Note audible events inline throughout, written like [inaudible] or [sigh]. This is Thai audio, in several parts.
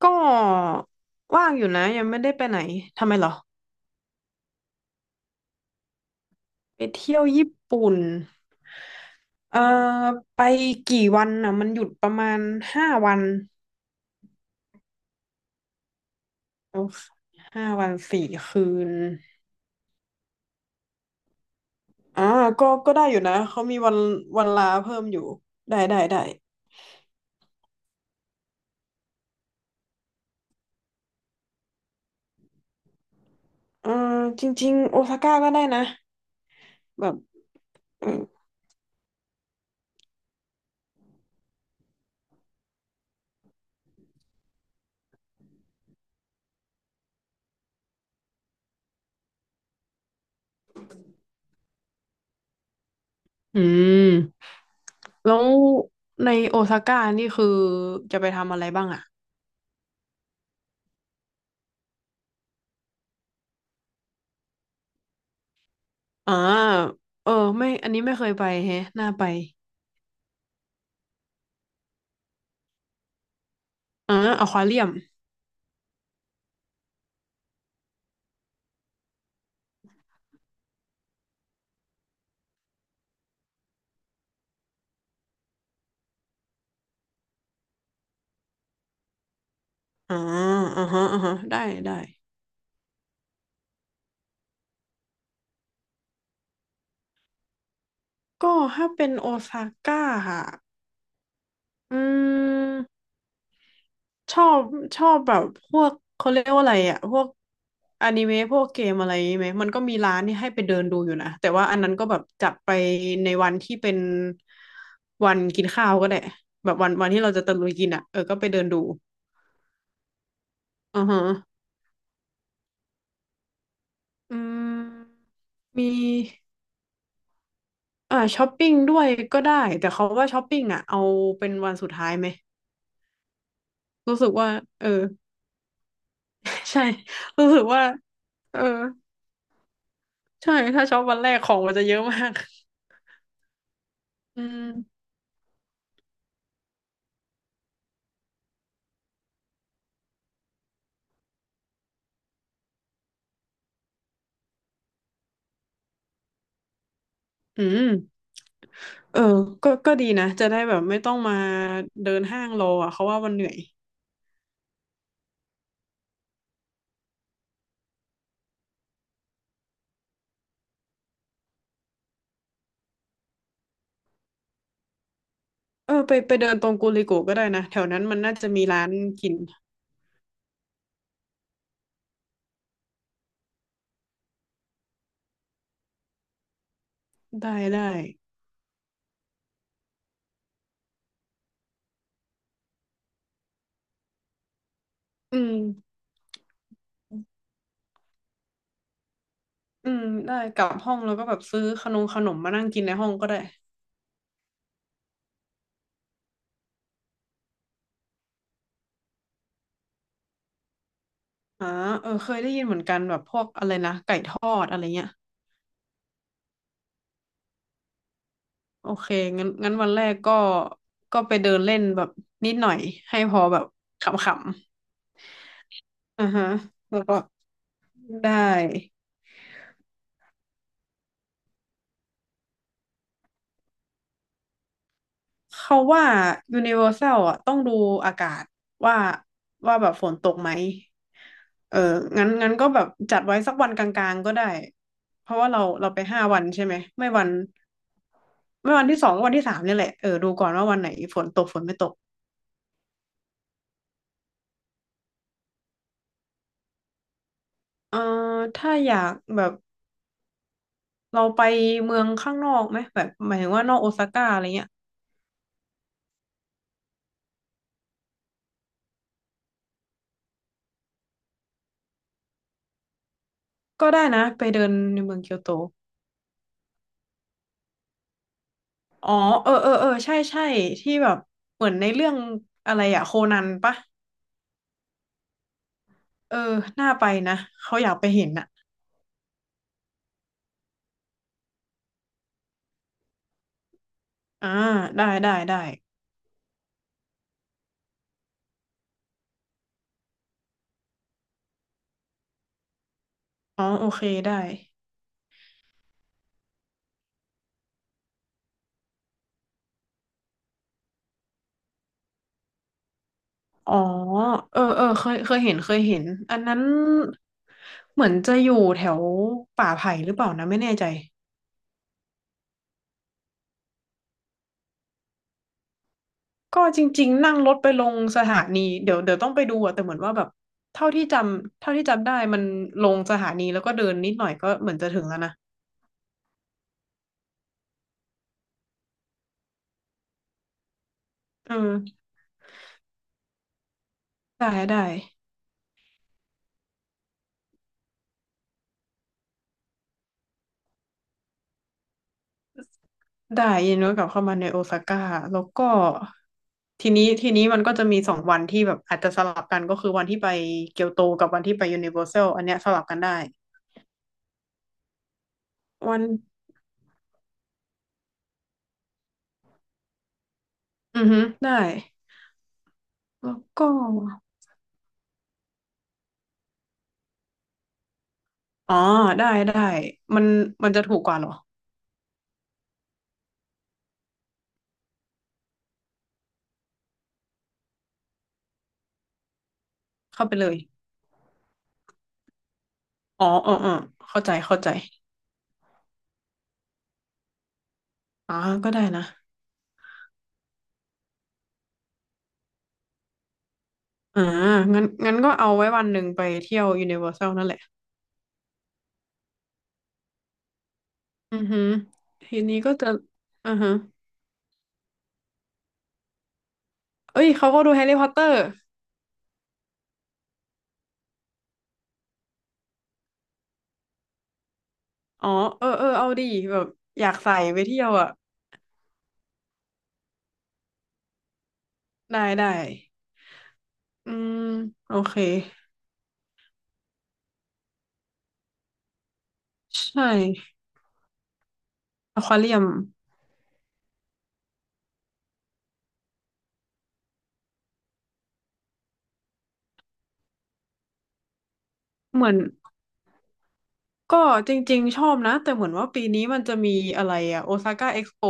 ก็ว่างอยู่นะยังไม่ได้ไปไหนทำไมเหรอไปเที่ยวญี่ปุ่นเอ่อไปกี่วันน่ะมันหยุดประมาณห้าวันโอเคห้าวันสี่คืนอ่าก็ได้อยู่นะเขามีวันลาเพิ่มอยู่ได้ได้ได้เอ่อจริงๆโอซาก้าก็ได้นะแบบเอออืมแล้วในโอซาก้านี่คือจะไปทำอะไรบ้างอ่ะอ่าเออไม่อันนี้ไม่เคยไปแฮะน่าไป อ่าอควาเรียมอ่าอ่าฮะอ่าฮะได้ได้ก็ถ้าเป็นโอซาก้าค่ะอืมชอบแบบพวกเขาเรียกว่าอะไรอะพวกอนิเมะพวกเกมอะไรไหมมันก็มีร้านนี่ให้ไปเดินดูอยู่นะแต่ว่าอันนั้นก็แบบจัดไปในวันที่เป็นวันกินข้าวก็ได้แบบวันที่เราจะตะลุยกินอะเออก็ไปเดินดูอ่าฮะอืมมีอ่าช้อปปิ้งด้วยก็ได้แต่เขาว่าช้อปปิ้งอ่ะเอาเป็นวันสุดท้ายไหม รู้สึกว่าเออ [laughs] ใช่รู้สึกว่าเออใช่ถ้าช็อปวันแรกของมันจะเยอะมากอืมอืมเออก็ดีนะจะได้แบบไม่ต้องมาเดินห้างรออ่ะเขาว่ามันเหนื่อยเออไปเดินตรงกูลิโกะก็ได้นะแถวนั้นมันน่าจะมีร้านกินได้ได้อืมอืมได้กลับห้องแล้วก็แบบซื้อขนมมานั่งกินในห้องก็ได้อ่าเออเคยได้ยินเหมือนกันแบบพวกอะไรนะไก่ทอดอะไรเงี้ย โอเคงั้นวันแรกก็ไปเดินเล่นแบบนิดหน่อยให้พอแบบขำๆอ่าฮะแล้วก็ได้เขาว่า Universal อ่ะต้องดูอากาศว่าแบบฝนตกไหมเอองั้นก็แบบจัดไว้สักวันกลางๆก็ได้เพราะว่าเราไปห้าวันใช่ไหมไม่วันไม่วันที่สองก็วันที่สามเนี่ยแหละเออดูก่อนว่าวันไหนฝนตกฝนไม่ตกเอ่อถ้าอยากแบบ เราไปเมืองข้างนอกไหมแบบหมายถึงว่านอกโอซาก้าอะไรเงี้ยก็ได้นะไปเดินในเมืองเกียวโตอ๋อเออเออเออใช่ใช่ที่แบบเหมือนในเรื่องอะไรอะโคนันปะเออน่าไปนะเขาอยากไปเห็นอะอ่าได้ได้ได้อ๋อโอเคได้อ๋อเออเออเคยเคยเห็นเคยเห็นอันนั้นเหมือนจะอยู่แถวป่าไผ่หรือเปล่านะไม่แน่ใจ ก็จริงๆนั่งรถไปลงสถานีเดี๋ยวต้องไปดูอะแต่เหมือนว่าแบบเท่าที่จำได้มันลงสถานีแล้วก็เดินนิดหน่อยก็เหมือนจะถึงแล้วนะอืมได้ได้ได้ยินว่ากลับเข้ามาในโอซาก้าแล้วก็ทีนี้มันก็จะมีสองวันที่แบบอาจจะสลับกันก็คือวันที่ไปเกียวโตกับวันที่ไปยูนิเวอร์แซลอันเนี้ยสลับกันได้วันอือฮึได้แล้วก็อ๋อได้ได้มันจะถูกกว่าเหรอเข้าไปเลยอ๋ออ๋ออ๋อเข้าใจเข้าใจ อ๋อ ก็ได้นะอ่างั้นก็เอาไว้วันหนึ่งไปเที่ยวยูนิเวอร์แซลนั่นแหละอือหือทีนี้ก็จะอ่าฮะเอ้ย เขาก็ดูแฮร์รี่พอตเตอร์อ๋อเออเออเอาดีแบบอยากใส่ไปเที่ยวอ่ะได้ได้อืมโอเค ใช่อควาเรียม เหมือน ก็จริงๆชอบนะ แต่เหมือนว่าปีนี้มันจะมีอะไรอ่ะโอซาก้าเอ็กซ์โป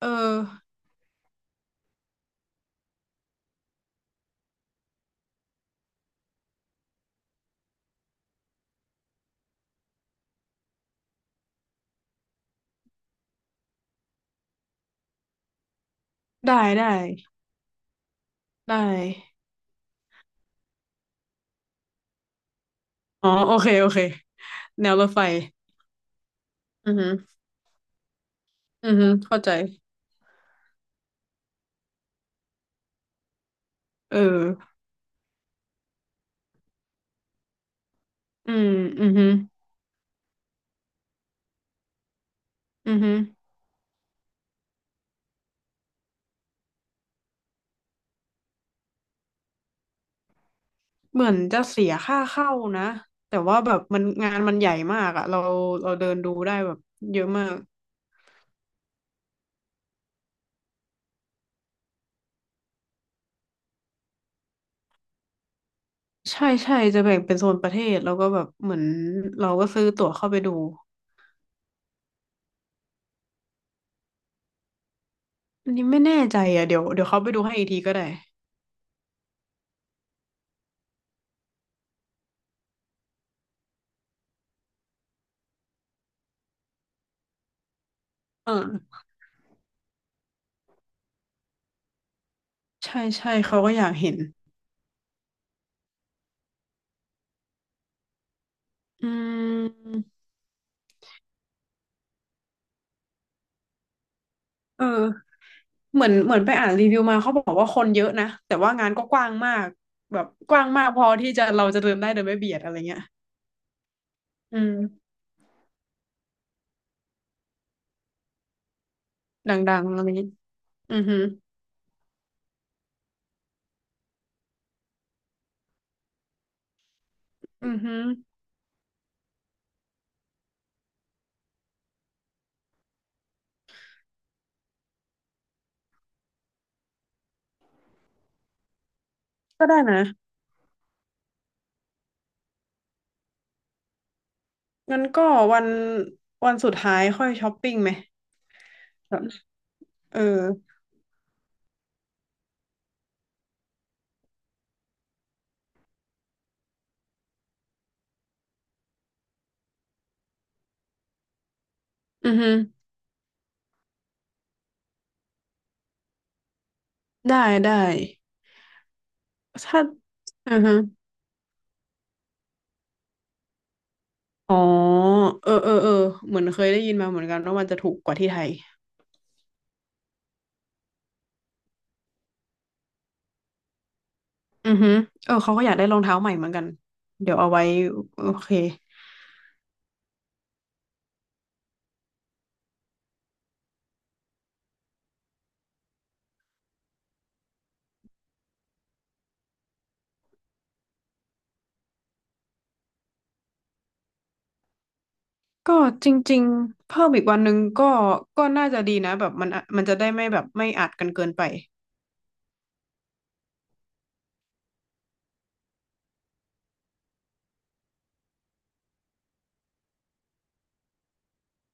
เออ ได้ได้ ได้ อ๋อ โอเคโอเค แนวรถไฟอือหืออือหือเข้าใจ เอออืมอือฮึอือฮึเหมือนจะเสียค่าเข้านะ แต่ว่าแบบมันงานมันใหญ่มากอะเราเดินดูได้แบบเยอะมากใช่ใช่จะแบ่งเป็นโซนประเทศแล้วก็แบบเหมือนเราก็ซื้อตั๋วเข้าไปดู อันนี้ไม่แน่ใจอะเดี๋ยวเขาไปดูให้อีกทีก็ได้เออใช่ใช่เขาก็อยากเห็นอืมเออเหมือนไปอ่านรีวิวมาเขาบอกว่าคนเยอะนะแต่ว่างานก็กว้างมากแบบกว้างมากพอที่จะเราจะเดินได้โดยไม่เบียดอะไรเงี้ยอืม ดังๆอันนี้อือหืออือหือก็ได้นะงั้นก็วันสุดท้ายค่อยช้อปปิ้งไหมแบบเอออือหือได้ได้ ถ้าอือหืออ๋อเออเออเออเหมือนเคยได้ยินมาเหมือนกันว่ามันจะถูกกว่าที่ไทยอือหึอเออเขาก็อยากได้รองเท้าใหม่เหมือนกัน เดี๋ยวเอาไว้โอเค ก็จริงๆ เพิ่มอีกวันหนึ่งก็น่าจะดีนะแบบมันจะได้ไม่แบบไม่อัดกันเกินไป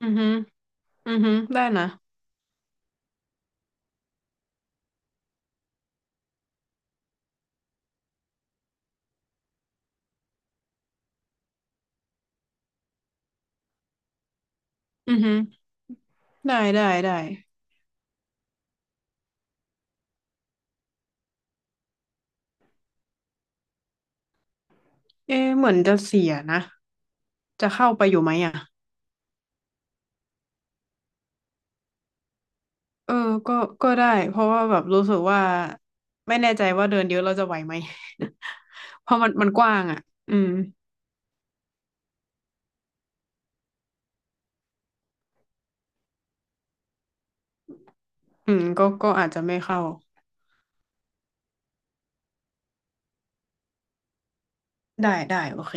อือหึอือหึได้นะอือหึอ ได้ได้ได้เอ๊ะเหมือนจะเสียนะ จะเข้าไปอยู่ไหมอ่ะ เออก็ได้ เพราะว่าแบบรู้สึกว่าไม่แน่ใจว่าเดินเยอะเราจะไหวไหม [laughs] เพราะมันกว้างอ่ะ อืมอืมก็อาจจะไม่เข้า ได้ได้โอเค